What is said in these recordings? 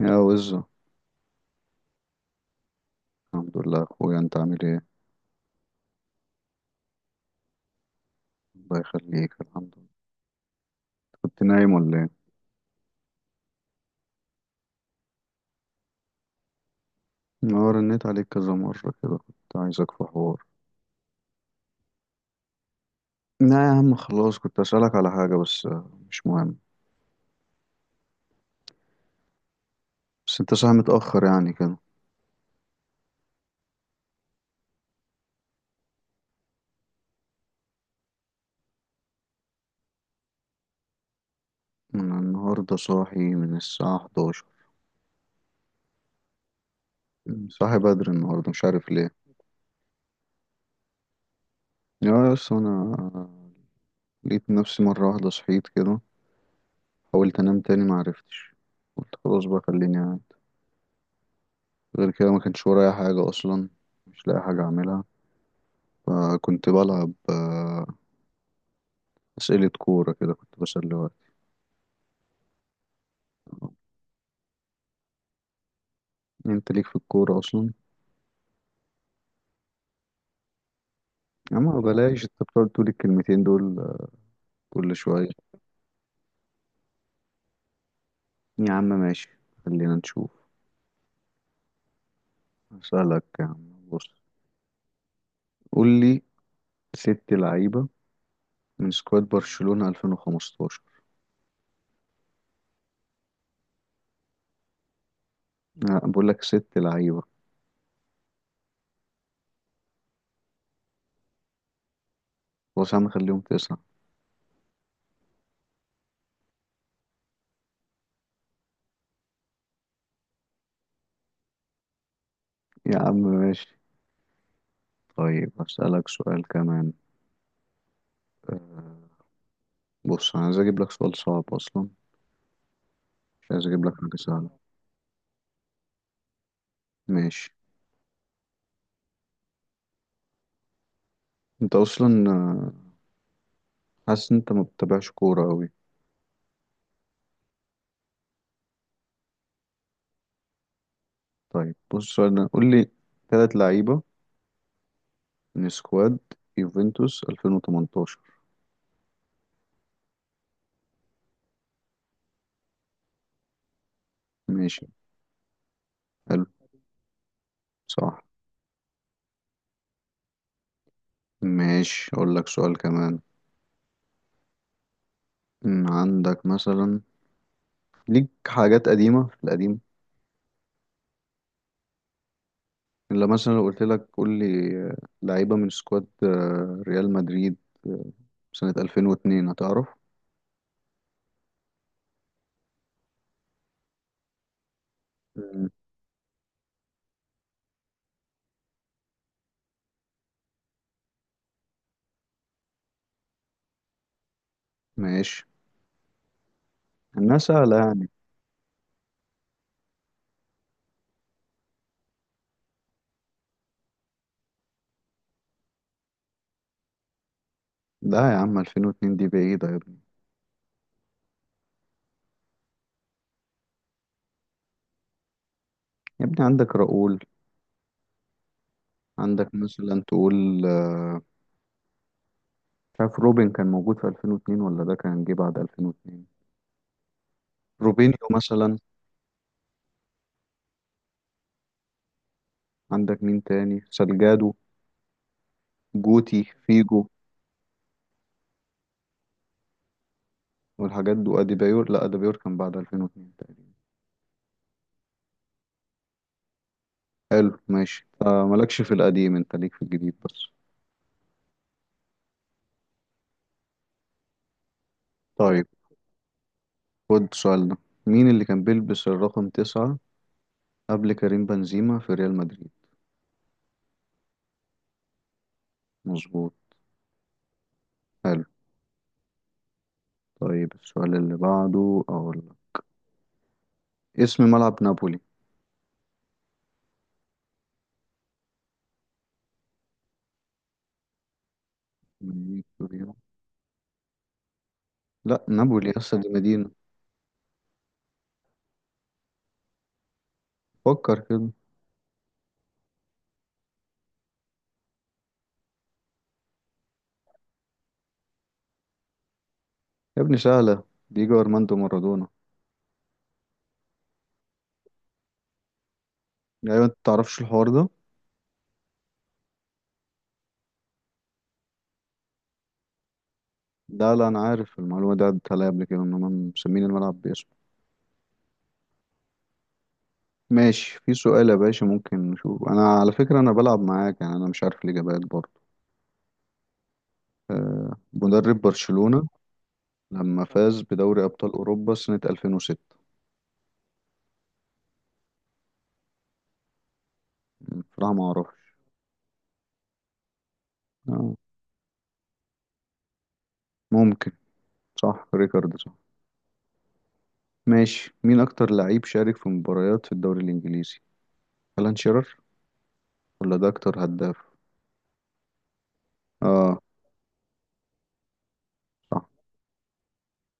يا وزو. الحمد لله يا اخويا، انت عامل ايه؟ الله يخليك، الحمد لله. كنت نايم ولا ايه؟ انا رنيت عليك كذا مرة كده، كنت عايزك في حوار. لا يا عم، خلاص كنت اسألك على حاجة بس مش مهم. بس انت صاحي متأخر يعني كده. انا النهاردة صاحي من الساعة 11. صاحي بدري النهاردة، مش عارف ليه. يا بس انا لقيت نفسي مرة واحدة صحيت كده. حاولت انام تاني، معرفتش. قلت خلاص بقى خليني قاعد. غير كده ما كانش ورايا حاجة اصلا. مش لاقي حاجة اعملها. فكنت بلعب أسئلة كورة، كده كنت بسلي وقت. أنت ليك في الكورة أصلا؟ يا عم بلاش، أنت بتقعد تقول الكلمتين دول كل شوية. يا عم ماشي، خلينا نشوف. أسألك يا عم، بص قول لي ست لعيبة من سكواد برشلونة 2015. لا، بقول لك ست لعيبة. خلاص يا عم خليهم تسعة. يا عم ماشي، طيب أسألك سؤال كمان. آه، بص أنا عايز أجيب لك سؤال صعب أصلا. مش عايز أجيب لك حاجة سهلة. ماشي، انت اصلا حاسس إن انت ما بتتابعش كورة قوي؟ طيب بص السؤال ده، قول لي ثلاث لعيبة من سكواد يوفنتوس 2018. ماشي. حلو. صح. ماشي اقول لك سؤال كمان. عندك مثلا ليك حاجات قديمة في القديم؟ الا مثلا لو قلت لك قول لي لعيبة من سكواد ريال مدريد آه، سنة 2002، هتعرف؟ أمم، ماشي، انها سهلة يعني. لا يا عم، 2002 دي بعيدة يا ابني. يا ابني عندك راؤول. عندك مثلا تقول مش عارف روبن كان موجود في 2002 ولا ده كان جه بعد 2002. روبينيو مثلا. عندك مين تاني؟ سالجادو، جوتي، فيجو. والحاجات دي، واديبايور، لا اديبايور كان بعد 2002 تقريبا. حلو ماشي. مالكش في القديم، انت ليك في الجديد بس. طيب خد السؤال ده، مين اللي كان بيلبس الرقم تسعة قبل كريم بنزيما في ريال مدريد؟ مظبوط. حلو. طيب السؤال اللي بعده اقول لك، اسم ملعب نابولي؟ مدينة تورينو؟ لا نابولي لسه دي مدينة. فكر كده. يا ابني سهلة، ديجو أرماندو مارادونا. أيوة أنت متعرفش الحوار ده؟ لا لا، أنا عارف المعلومة دي عدت عليا قبل كده إن هما مسمين الملعب باسمه. ماشي، في سؤال يا باشا ممكن نشوف. أنا على فكرة أنا بلعب معاك، يعني أنا مش عارف الإجابات برضه. آه، مدرب برشلونة لما فاز بدوري أبطال أوروبا سنة 2006؟ بصراحة ما أعرفش. آه، ممكن. صح، ريكارد صح. ماشي، مين أكتر لعيب شارك في مباريات في الدوري الإنجليزي؟ ألان شيرر ولا ده أكتر هداف؟ آه صح.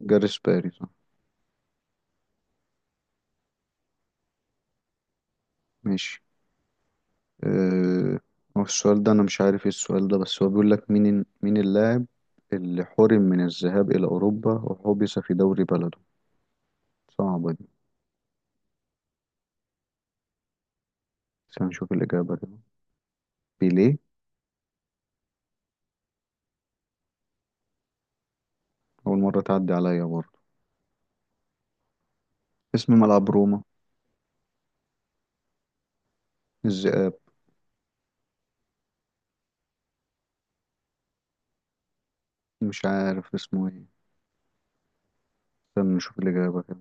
جاريث باري صح. ماشي. آه، هو السؤال ده أنا مش عارف إيه السؤال ده، بس هو بيقول لك مين اللاعب اللي حرم من الذهاب إلى أوروبا وحبس في دوري بلده. صعبة دي. بس هنشوف الإجابة كده. بيليه. أول مرة تعدي عليا برضه. اسم ملعب روما الذئاب؟ مش عارف اسمه إيه. استنى نشوف الإجابة كده.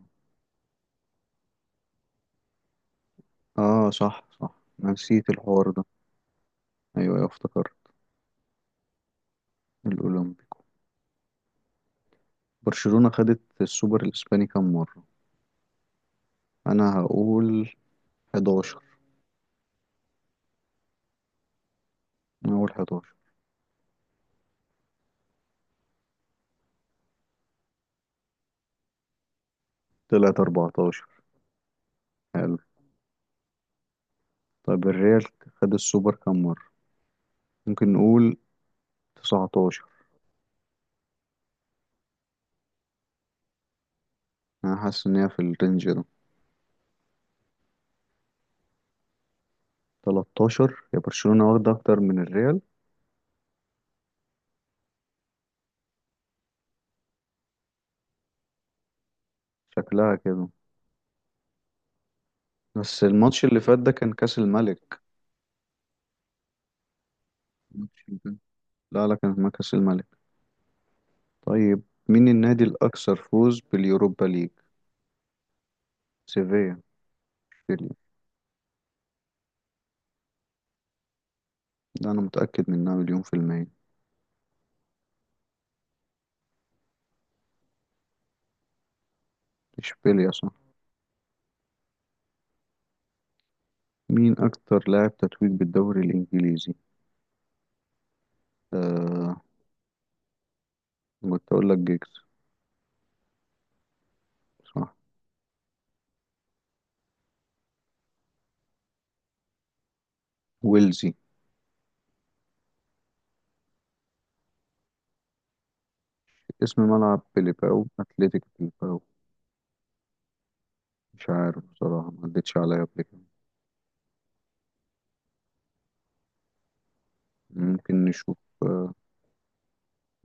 آه، صح صح. أنا نسيت الحوار ده. أيوة أيوة، افتكرت. الأولمبيكو. برشلونة خدت السوبر الإسباني كام مرة؟ أنا هقول 11. أنا هقول 11. طلعت 14. حلو. طب الريال خد السوبر كام مرة؟ ممكن نقول 19. انا حاسس ان هي في الرينج ده. 13، يا برشلونة واخدة اكتر من الريال شكلها كده. بس الماتش اللي فات ده كان كأس الملك. الماتش اللي فات- لا لا، كان ما كأس الملك. طيب مين النادي الأكثر فوز باليوروبا ليج؟ سيفيا، اشبيليا. ده أنا متأكد منها مليون في المية. اشبيليا صح. مين أكتر لاعب تتويج بالدوري الإنجليزي؟ آه، كنت أقول لك جيجز. صح. ويلزي. اسم ملعب بليباو، أتلتيك بليباو؟ مش عارف بصراحة، ما عدتش عليا قبل كده. ممكن نشوف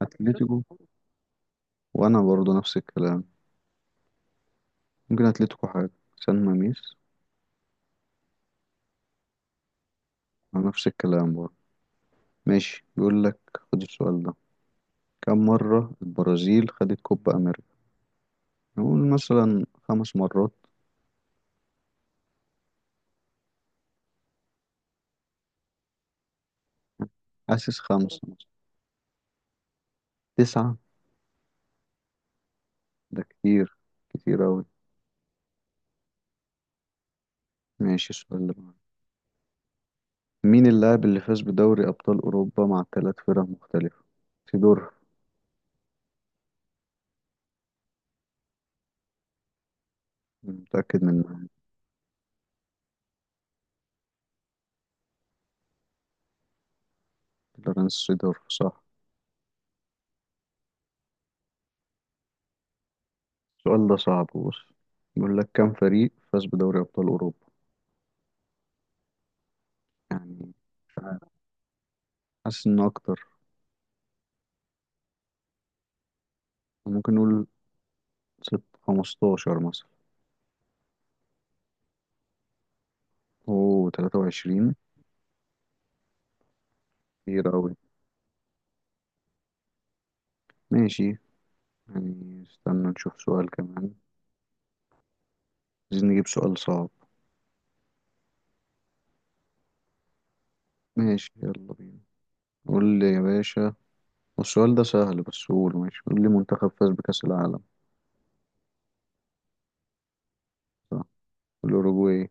أتلتيكو. وأنا برضه نفس الكلام. ممكن أتلتيكو حاجة. سان ماميس. أنا نفس الكلام برضه. ماشي، بيقول لك خد السؤال ده، كم مرة البرازيل خدت كوبا أمريكا؟ نقول مثلا خمس مرات. حاسس خمسة مثلا. تسعة. ده كتير، كتير أوي. ماشي، السؤال اللي بعده، مين اللاعب اللي فاز بدوري أبطال أوروبا مع ثلاث فرق مختلفة؟ سيدورف، متأكد منها. لورنس سيدورف صح. السؤال ده صعب، بص بيقول لك كم فريق فاز بدوري أبطال أوروبا يعني. مش عارف. حاسس إن أكتر. ممكن نقول ست، خمستاشر مثلا. أوه، تلاتة وعشرين. كتير أوي. ماشي، يعني استنى نشوف سؤال كمان. عايزين نجيب سؤال صعب. ماشي يلا بينا. قول لي يا باشا، والسؤال ده سهل بس قوله، ماشي قول لي منتخب فاز بكأس العالم؟ صح. الأوروجواي.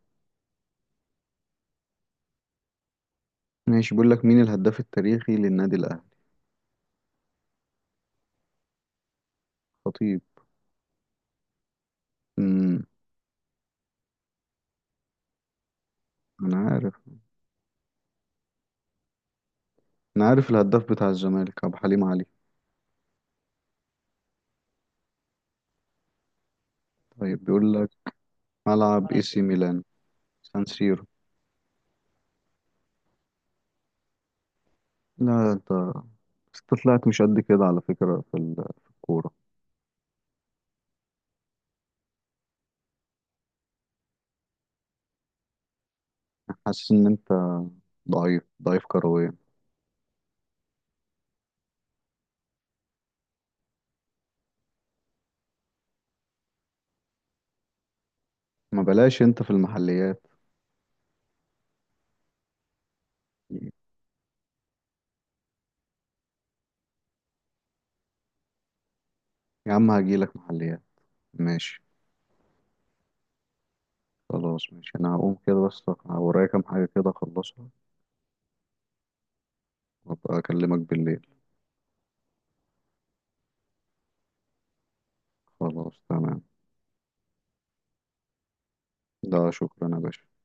ماشي، بيقول لك مين الهداف التاريخي للنادي الأهلي؟ خطيب. امم أنا عارف. انا عارف الهداف بتاع الزمالك ابو حليم علي. طيب بيقول لك، ملعب اي سي ميلان؟ سان سيرو. لا، انت طلعت مش قد كده على فكرة في الكورة. حاسس ان انت ضعيف ضعيف كرويا. ما بلاش انت في المحليات. يا عم هجيلك محليات، ماشي. خلاص ماشي، انا هقوم كده بس ورايا كام حاجة كده اخلصها. وابقى اكلمك بالليل. خلاص تمام. ده شكرا يا باشا.